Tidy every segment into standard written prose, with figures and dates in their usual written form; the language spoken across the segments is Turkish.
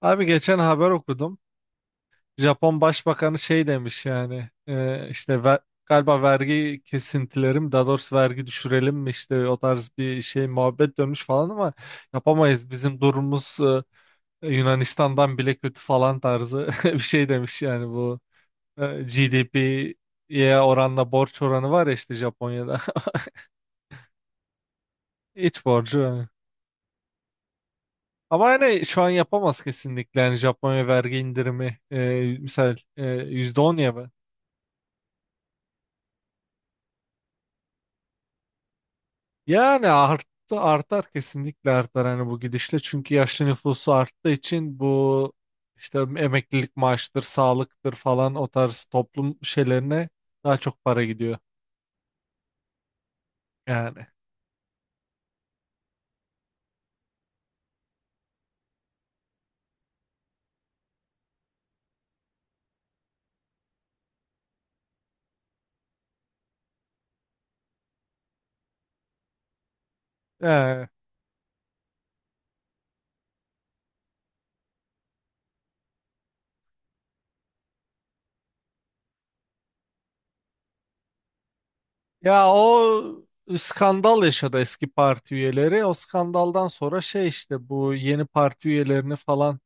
Abi geçen haber okudum. Japon Başbakanı şey demiş yani, işte galiba vergi kesintileri mi daha doğrusu vergi düşürelim mi işte o tarz bir şey muhabbet dönmüş falan ama yapamayız. Bizim durumumuz Yunanistan'dan bile kötü falan tarzı bir şey demiş yani bu GDP'ye oranla borç oranı var ya işte Japonya'da iç borcu. Yani. Ama yani şu an yapamaz kesinlikle yani Japonya vergi indirimi misal %10 ya be. Yani arttı artar kesinlikle artar hani bu gidişle çünkü yaşlı nüfusu arttığı için bu işte emeklilik maaştır, sağlıktır falan o tarz toplum şeylerine daha çok para gidiyor yani. Ee, Ya o skandal yaşadı eski parti üyeleri o skandaldan sonra şey işte bu yeni parti üyelerini falan.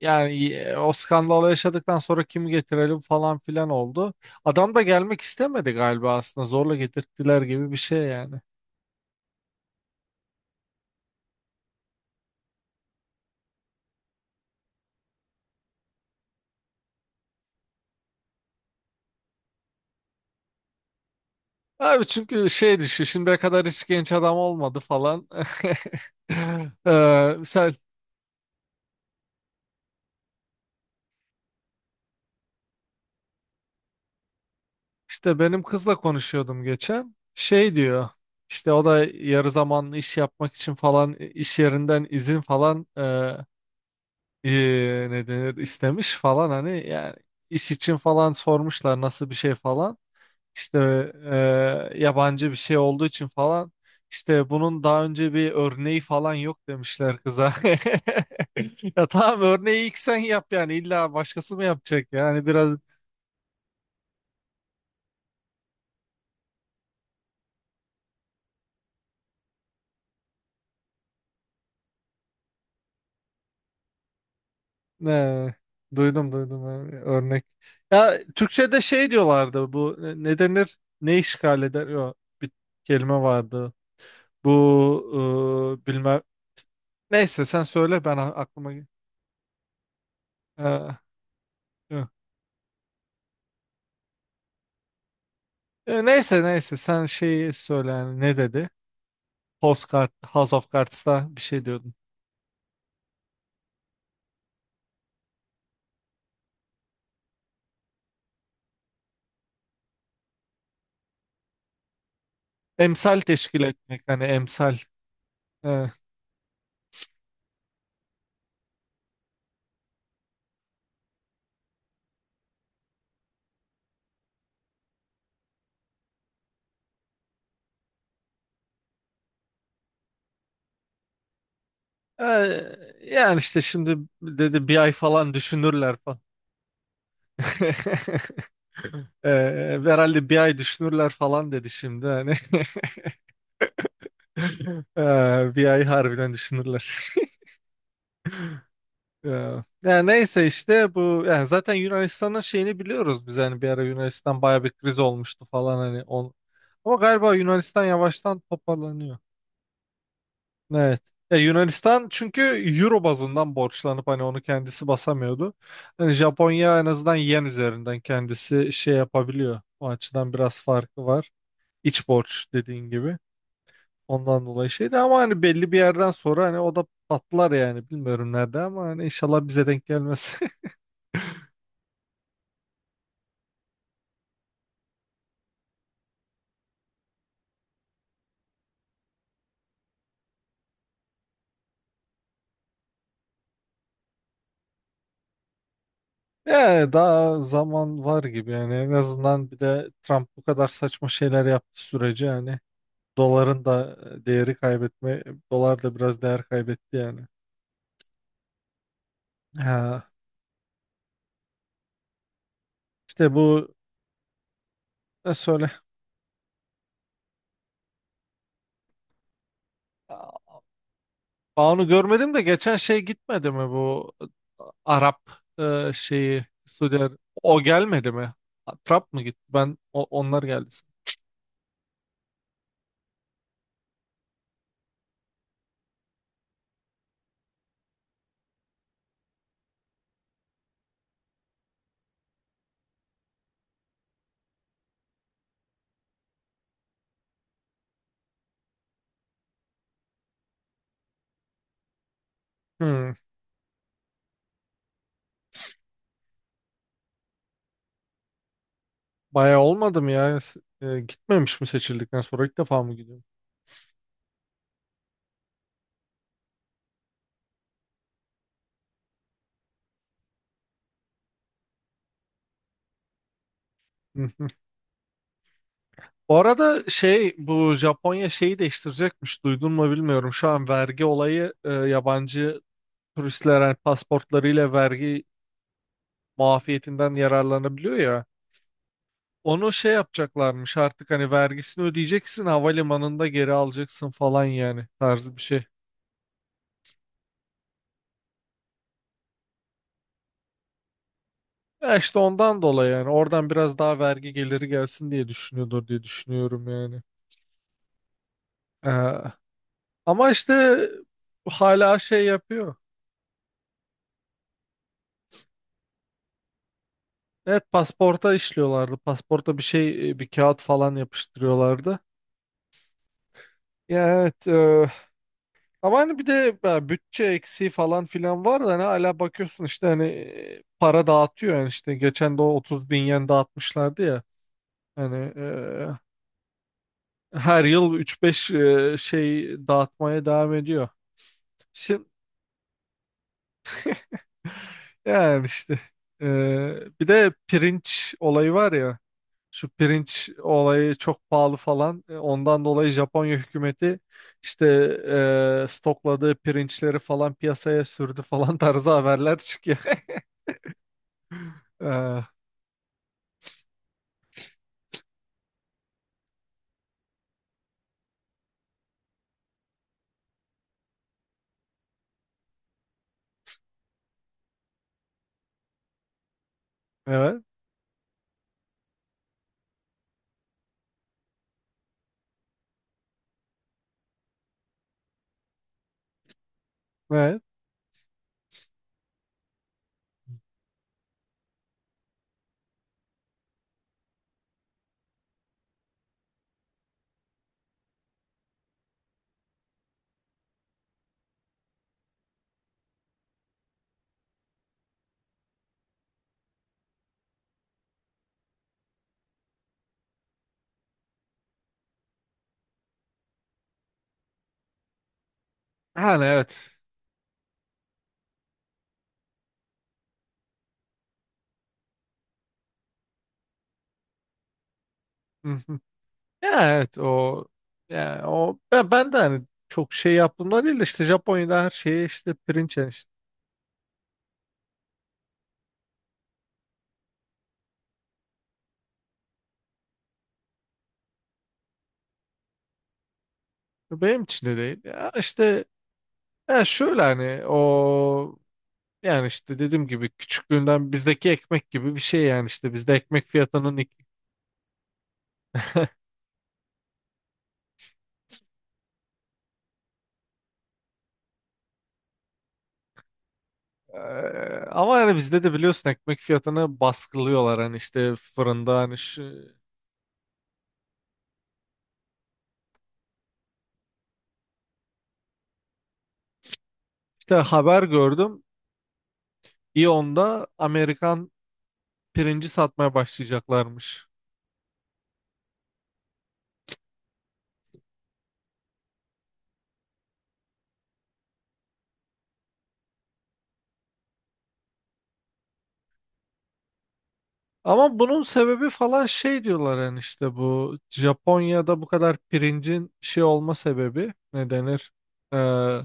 Yani, o skandalı yaşadıktan sonra kim getirelim falan filan oldu. Adam da gelmek istemedi galiba aslında zorla getirttiler gibi bir şey yani. Abi çünkü şey düşün şimdiye kadar hiç genç adam olmadı falan. Misal işte benim kızla konuşuyordum geçen. Şey diyor işte o da yarı zamanlı iş yapmak için falan, iş yerinden izin falan, ne denir, istemiş falan hani yani iş için falan sormuşlar nasıl bir şey falan. İşte yabancı bir şey olduğu için falan işte bunun daha önce bir örneği falan yok demişler kıza. Ya tamam örneği ilk sen yap yani illa başkası mı yapacak yani biraz. e, Duydum duydum. Örnek. Ya Türkçe'de şey diyorlardı bu, ne denir, ne işgal eder, yok bir kelime vardı bu, bilmem, neyse sen söyle ben aklıma, e, yok. Neyse neyse sen şeyi söyle yani, ne dedi? House of Cards'ta bir şey diyordum. Emsal teşkil etmek, hani emsal. Ee, e, Yani işte şimdi dedi bir ay falan düşünürler falan. Ee, Herhalde bir ay düşünürler falan dedi şimdi hani. Bir ay harbiden düşünürler. Ee, Yani neyse işte bu yani zaten Yunanistan'ın şeyini biliyoruz biz hani bir ara Yunanistan baya bir kriz olmuştu falan hani on. Ama galiba Yunanistan yavaştan toparlanıyor. Evet. Ya Yunanistan çünkü euro bazından borçlanıp hani onu kendisi basamıyordu. Hani Japonya en azından yen üzerinden kendisi şey yapabiliyor. O açıdan biraz farkı var. İç borç, dediğin gibi. Ondan dolayı şeydi ama hani belli bir yerden sonra hani o da patlar yani, bilmiyorum nerede ama hani inşallah bize denk gelmez. Yani daha zaman var gibi yani, en azından bir de Trump bu kadar saçma şeyler yaptığı sürece hani doların da değeri kaybetme, dolar da biraz değer kaybetti yani. Ha, işte bu ne söyle? Aa, onu görmedim de geçen şey gitmedi mi bu Arap, şeyi, o gelmedi mi? Trump mı gitti? Ben onlar geldi. Hmm, bayağı olmadı mı ya? Gitmemiş mi seçildikten sonra, ilk defa mı gidiyorum? Hı hı. Bu arada şey, bu Japonya şeyi değiştirecekmiş, duydun mu bilmiyorum. Şu an vergi olayı, yabancı turistler yani pasportlarıyla vergi muafiyetinden yararlanabiliyor ya. Onu şey yapacaklarmış artık, hani vergisini ödeyeceksin havalimanında geri alacaksın falan yani tarzı bir şey. Ya işte ondan dolayı yani oradan biraz daha vergi geliri gelsin diye düşünüyordur diye düşünüyorum yani. Ee, Ama işte hala şey yapıyor. Evet, pasporta işliyorlardı. Pasporta bir şey, bir kağıt falan yapıştırıyorlardı. Ya evet. Ama hani bir de bütçe eksiği falan filan var da hani hala bakıyorsun işte hani para dağıtıyor yani, işte geçen de o 30 bin yen dağıtmışlardı ya hani, her yıl üç beş şey dağıtmaya devam ediyor. Şimdi yani işte e, bir de pirinç olayı var ya, şu pirinç olayı çok pahalı falan. Ondan dolayı Japonya hükümeti işte stokladığı pirinçleri falan piyasaya sürdü falan tarzı haberler çıkıyor. E, Evet. Evet. Yani evet. Hı hı. Ya evet o ya o ben de hani çok şey yaptığımda değil de işte Japonya'da her şeye işte pirinç yani işte. Benim için de değil. Ya işte ya şöyle hani o yani işte dediğim gibi küçüklüğünden bizdeki ekmek gibi bir şey yani işte bizde ekmek fiyatının. Ama yani bizde de biliyorsun ekmek fiyatını baskılıyorlar hani, işte fırında hani şu, işte haber gördüm İyon'da Amerikan pirinci satmaya başlayacaklarmış. Ama bunun sebebi falan şey diyorlar yani, işte bu Japonya'da bu kadar pirincin şey olma sebebi ne denir? Ee,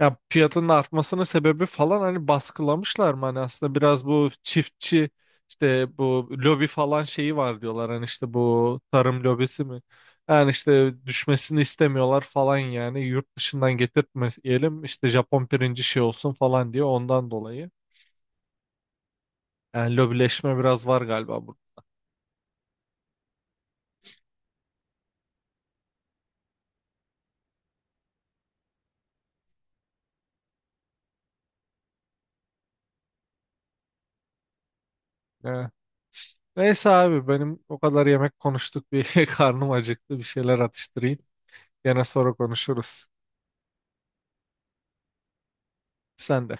Ya fiyatının artmasının sebebi falan, hani baskılamışlar mı? Hani aslında biraz bu çiftçi işte bu lobi falan şeyi var diyorlar, hani işte bu tarım lobisi mi? Yani işte düşmesini istemiyorlar falan yani, yurt dışından getirtmeyelim işte Japon pirinci şey olsun falan diye, ondan dolayı. Yani lobileşme biraz var galiba burada. Evet. Neyse abi benim, o kadar yemek konuştuk bir karnım acıktı, bir şeyler atıştırayım. Gene sonra konuşuruz. Sen de.